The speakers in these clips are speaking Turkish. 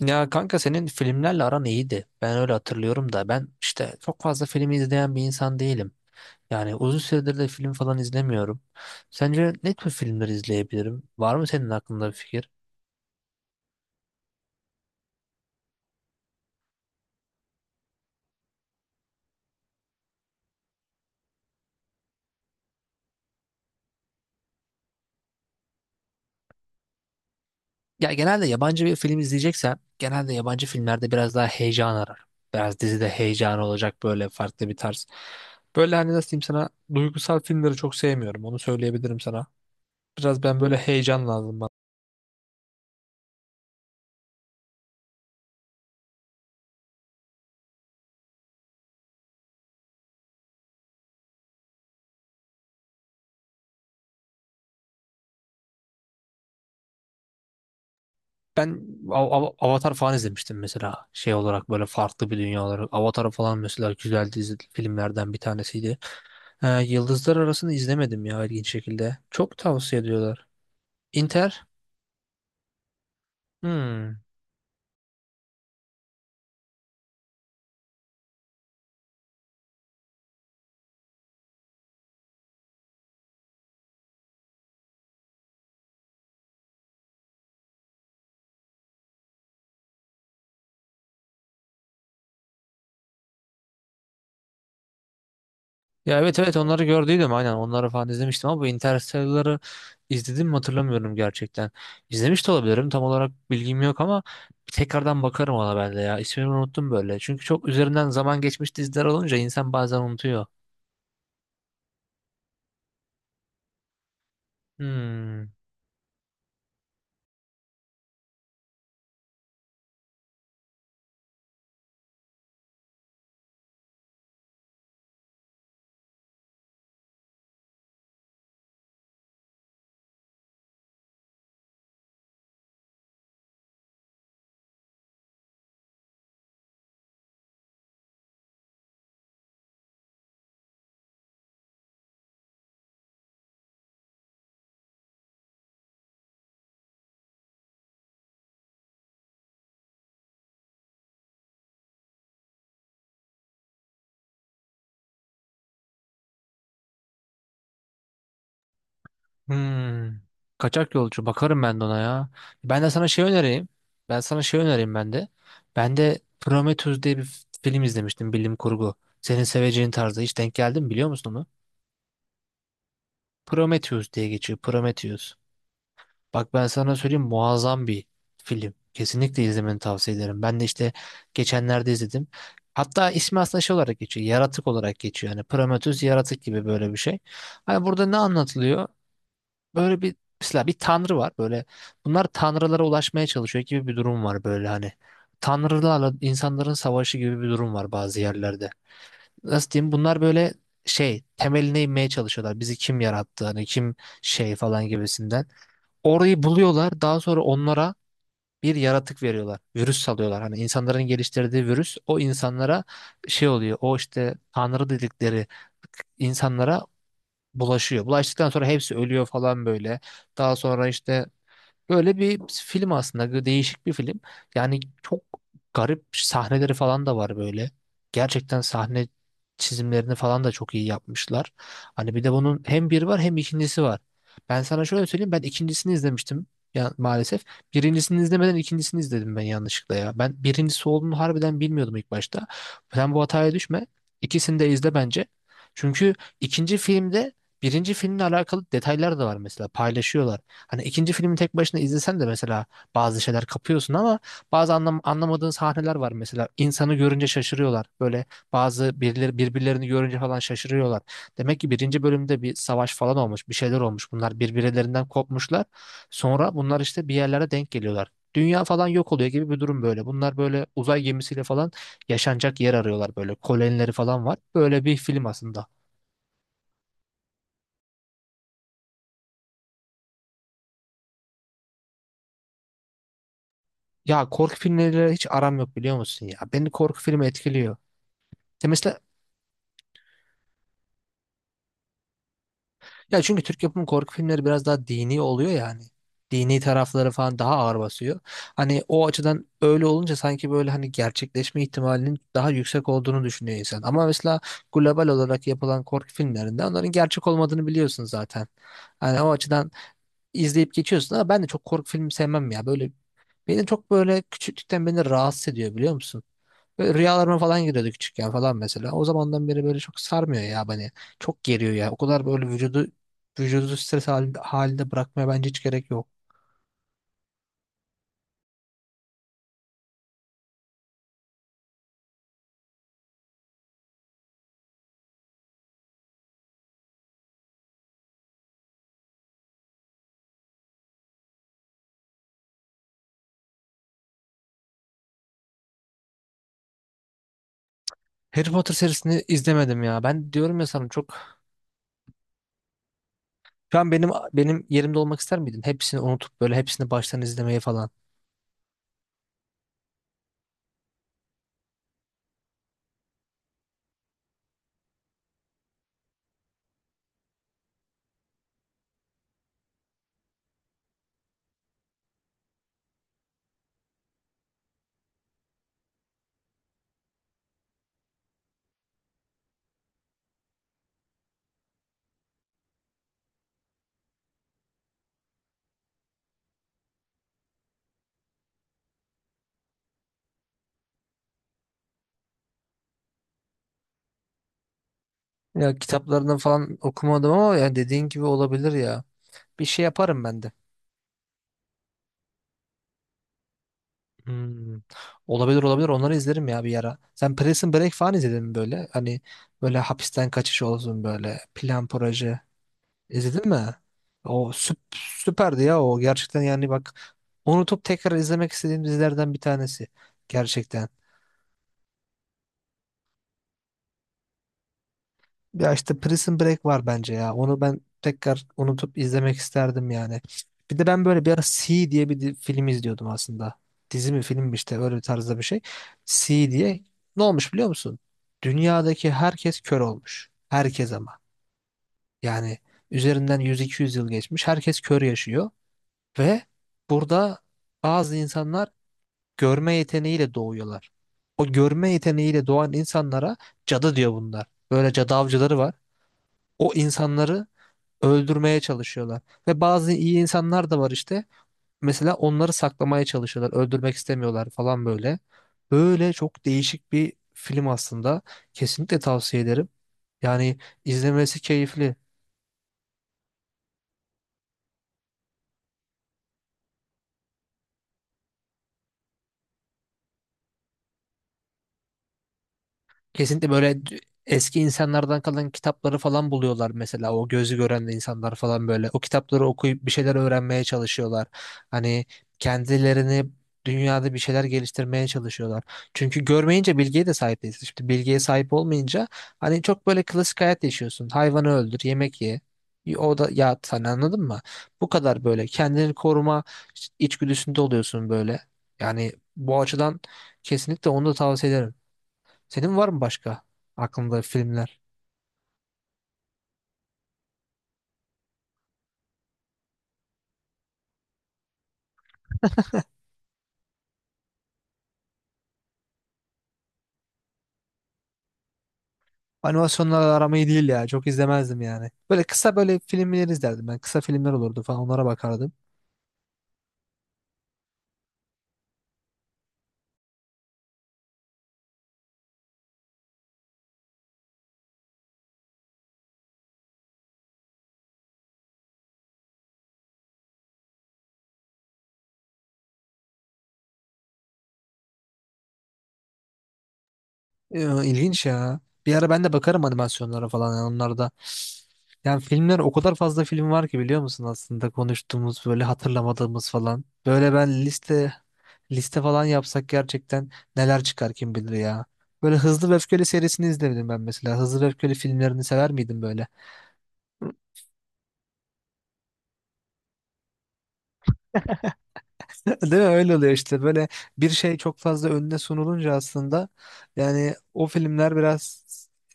Ya kanka senin filmlerle aran iyiydi. Ben öyle hatırlıyorum da ben işte çok fazla film izleyen bir insan değilim. Yani uzun süredir de film falan izlemiyorum. Sence ne tür filmler izleyebilirim? Var mı senin aklında bir fikir? Ya genelde yabancı bir film izleyeceksem genelde yabancı filmlerde biraz daha heyecan ararım. Biraz dizide heyecan olacak böyle farklı bir tarz. Böyle hani nasıl diyeyim sana, duygusal filmleri çok sevmiyorum, onu söyleyebilirim sana. Biraz ben böyle heyecan lazım. Ben Avatar falan izlemiştim mesela, şey olarak, böyle farklı bir dünya olarak. Avatar falan mesela güzel dizi filmlerden bir tanesiydi. Yıldızlar Arası'nı izlemedim ya, ilginç şekilde. Çok tavsiye ediyorlar. Inter? Hmm. Ya evet evet, onları gördüydüm, aynen onları falan izlemiştim, ama bu Interstellar'ı izledim mi hatırlamıyorum gerçekten. İzlemiş de olabilirim, tam olarak bilgim yok, ama bir tekrardan bakarım ona ben de ya. İsmini unuttum böyle. Çünkü çok üzerinden zaman geçmiş, diziler olunca insan bazen unutuyor. Hmm. Hmm. Kaçak yolcu. Bakarım ben de ona ya. Ben de sana şey önereyim. Ben sana şey önereyim ben de. Ben de Prometheus diye bir film izlemiştim. Bilim kurgu. Senin seveceğin tarzda. Hiç denk geldin mi, biliyor musun onu? Prometheus diye geçiyor. Prometheus. Bak ben sana söyleyeyim, muazzam bir film. Kesinlikle izlemeni tavsiye ederim. Ben de işte geçenlerde izledim. Hatta ismi aslında şey olarak geçiyor. Yaratık olarak geçiyor. Yani Prometheus yaratık gibi böyle bir şey. Hani burada ne anlatılıyor? Böyle bir, mesela bir tanrı var böyle, bunlar tanrılara ulaşmaya çalışıyor gibi bir durum var böyle hani. Tanrılarla insanların savaşı gibi bir durum var bazı yerlerde. Nasıl diyeyim, bunlar böyle şey temeline inmeye çalışıyorlar. Bizi kim yarattı hani, kim şey falan gibisinden. Orayı buluyorlar, daha sonra onlara bir yaratık veriyorlar. Virüs salıyorlar. Hani insanların geliştirdiği virüs o insanlara şey oluyor. O işte tanrı dedikleri insanlara bulaşıyor. Bulaştıktan sonra hepsi ölüyor falan böyle. Daha sonra işte, böyle bir film aslında, değişik bir film. Yani çok garip sahneleri falan da var böyle. Gerçekten sahne çizimlerini falan da çok iyi yapmışlar. Hani bir de bunun hem bir var, hem ikincisi var. Ben sana şöyle söyleyeyim, ben ikincisini izlemiştim ya, maalesef. Birincisini izlemeden ikincisini izledim ben, yanlışlıkla ya. Ben birincisi olduğunu harbiden bilmiyordum ilk başta. Sen bu hataya düşme. İkisini de izle bence. Çünkü ikinci filmde birinci filmle alakalı detaylar da var mesela, paylaşıyorlar. Hani ikinci filmi tek başına izlesen de mesela bazı şeyler kapıyorsun, ama bazı anlam anlamadığın sahneler var mesela. İnsanı görünce şaşırıyorlar. Böyle bazı birileri birbirlerini görünce falan şaşırıyorlar. Demek ki birinci bölümde bir savaş falan olmuş, bir şeyler olmuş. Bunlar birbirlerinden kopmuşlar. Sonra bunlar işte bir yerlere denk geliyorlar. Dünya falan yok oluyor gibi bir durum böyle. Bunlar böyle uzay gemisiyle falan yaşanacak yer arıyorlar böyle. Kolonileri falan var. Böyle bir film aslında. Ya korku filmleriyle hiç aram yok, biliyor musun ya? Beni korku filmi etkiliyor. Ya mesela, ya çünkü Türk yapımı korku filmleri biraz daha dini oluyor yani. Dini tarafları falan daha ağır basıyor. Hani o açıdan öyle olunca sanki böyle hani gerçekleşme ihtimalinin daha yüksek olduğunu düşünüyor insan. Ama mesela global olarak yapılan korku filmlerinde onların gerçek olmadığını biliyorsun zaten. Hani o açıdan izleyip geçiyorsun, ama ben de çok korku filmi sevmem ya. Böyle beni rahatsız ediyor, biliyor musun? Böyle rüyalarıma falan giriyordu küçükken falan mesela. O zamandan beri böyle çok sarmıyor ya beni. Çok geriyor ya. O kadar böyle vücudu stres halinde, halinde bırakmaya bence hiç gerek yok. Harry Potter serisini izlemedim ya. Ben diyorum ya sana, çok. Şu an benim yerimde olmak ister miydin? Hepsini unutup böyle hepsini baştan izlemeyi falan. Ya kitaplarını falan okumadım, ama ya dediğin gibi olabilir ya. Bir şey yaparım ben de. Hmm. Olabilir olabilir, onları izlerim ya bir ara. Sen Prison Break falan izledin mi böyle? Hani böyle hapisten kaçış olsun, böyle plan proje. İzledin mi? O süperdi ya o, gerçekten yani bak, unutup tekrar izlemek istediğim dizilerden bir tanesi. Gerçekten. Ya işte Prison Break var bence ya. Onu ben tekrar unutup izlemek isterdim yani. Bir de ben böyle bir ara C diye bir film izliyordum aslında. Dizi mi film mi işte, öyle bir tarzda bir şey. C diye. Ne olmuş, biliyor musun? Dünyadaki herkes kör olmuş. Herkes ama. Yani üzerinden 100-200 yıl geçmiş. Herkes kör yaşıyor. Ve burada bazı insanlar görme yeteneğiyle doğuyorlar. O görme yeteneğiyle doğan insanlara cadı diyor bunlar. Böyle cadı avcıları var. O insanları öldürmeye çalışıyorlar. Ve bazı iyi insanlar da var işte. Mesela onları saklamaya çalışıyorlar. Öldürmek istemiyorlar falan böyle. Böyle çok değişik bir film aslında. Kesinlikle tavsiye ederim. Yani izlemesi keyifli. Kesinlikle böyle eski insanlardan kalan kitapları falan buluyorlar mesela, o gözü gören de insanlar falan böyle o kitapları okuyup bir şeyler öğrenmeye çalışıyorlar. Hani kendilerini dünyada bir şeyler geliştirmeye çalışıyorlar. Çünkü görmeyince bilgiye de sahip değilsin. Şimdi bilgiye sahip olmayınca hani çok böyle klasik hayat yaşıyorsun. Hayvanı öldür, yemek ye. O da ya, sen anladın mı? Bu kadar böyle kendini koruma içgüdüsünde oluyorsun böyle. Yani bu açıdan kesinlikle onu da tavsiye ederim. Senin var mı başka aklında filmler? Animasyonlarla aram iyi değil ya. Çok izlemezdim yani. Böyle kısa böyle filmler izlerdim ben. Kısa filmler olurdu falan, onlara bakardım. İlginç ya. Bir ara ben de bakarım animasyonlara falan, yani onlar da. Yani filmler, o kadar fazla film var ki biliyor musun aslında konuştuğumuz böyle hatırlamadığımız falan. Böyle ben liste falan yapsak gerçekten neler çıkar kim bilir ya. Böyle Hızlı ve Öfkeli serisini izledim ben mesela. Hızlı ve Öfkeli filmlerini sever miydim böyle? Değil mi? Öyle oluyor işte. Böyle bir şey çok fazla önüne sunulunca aslında, yani o filmler biraz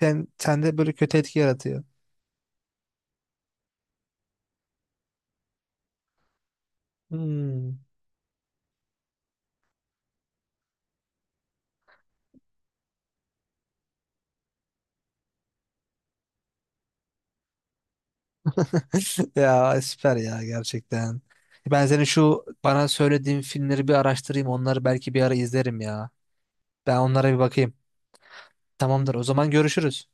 sende böyle kötü etki yaratıyor. Hmm. Ya süper ya, gerçekten. Ben senin şu bana söylediğin filmleri bir araştırayım. Onları belki bir ara izlerim ya. Ben onlara bir bakayım. Tamamdır. O zaman görüşürüz.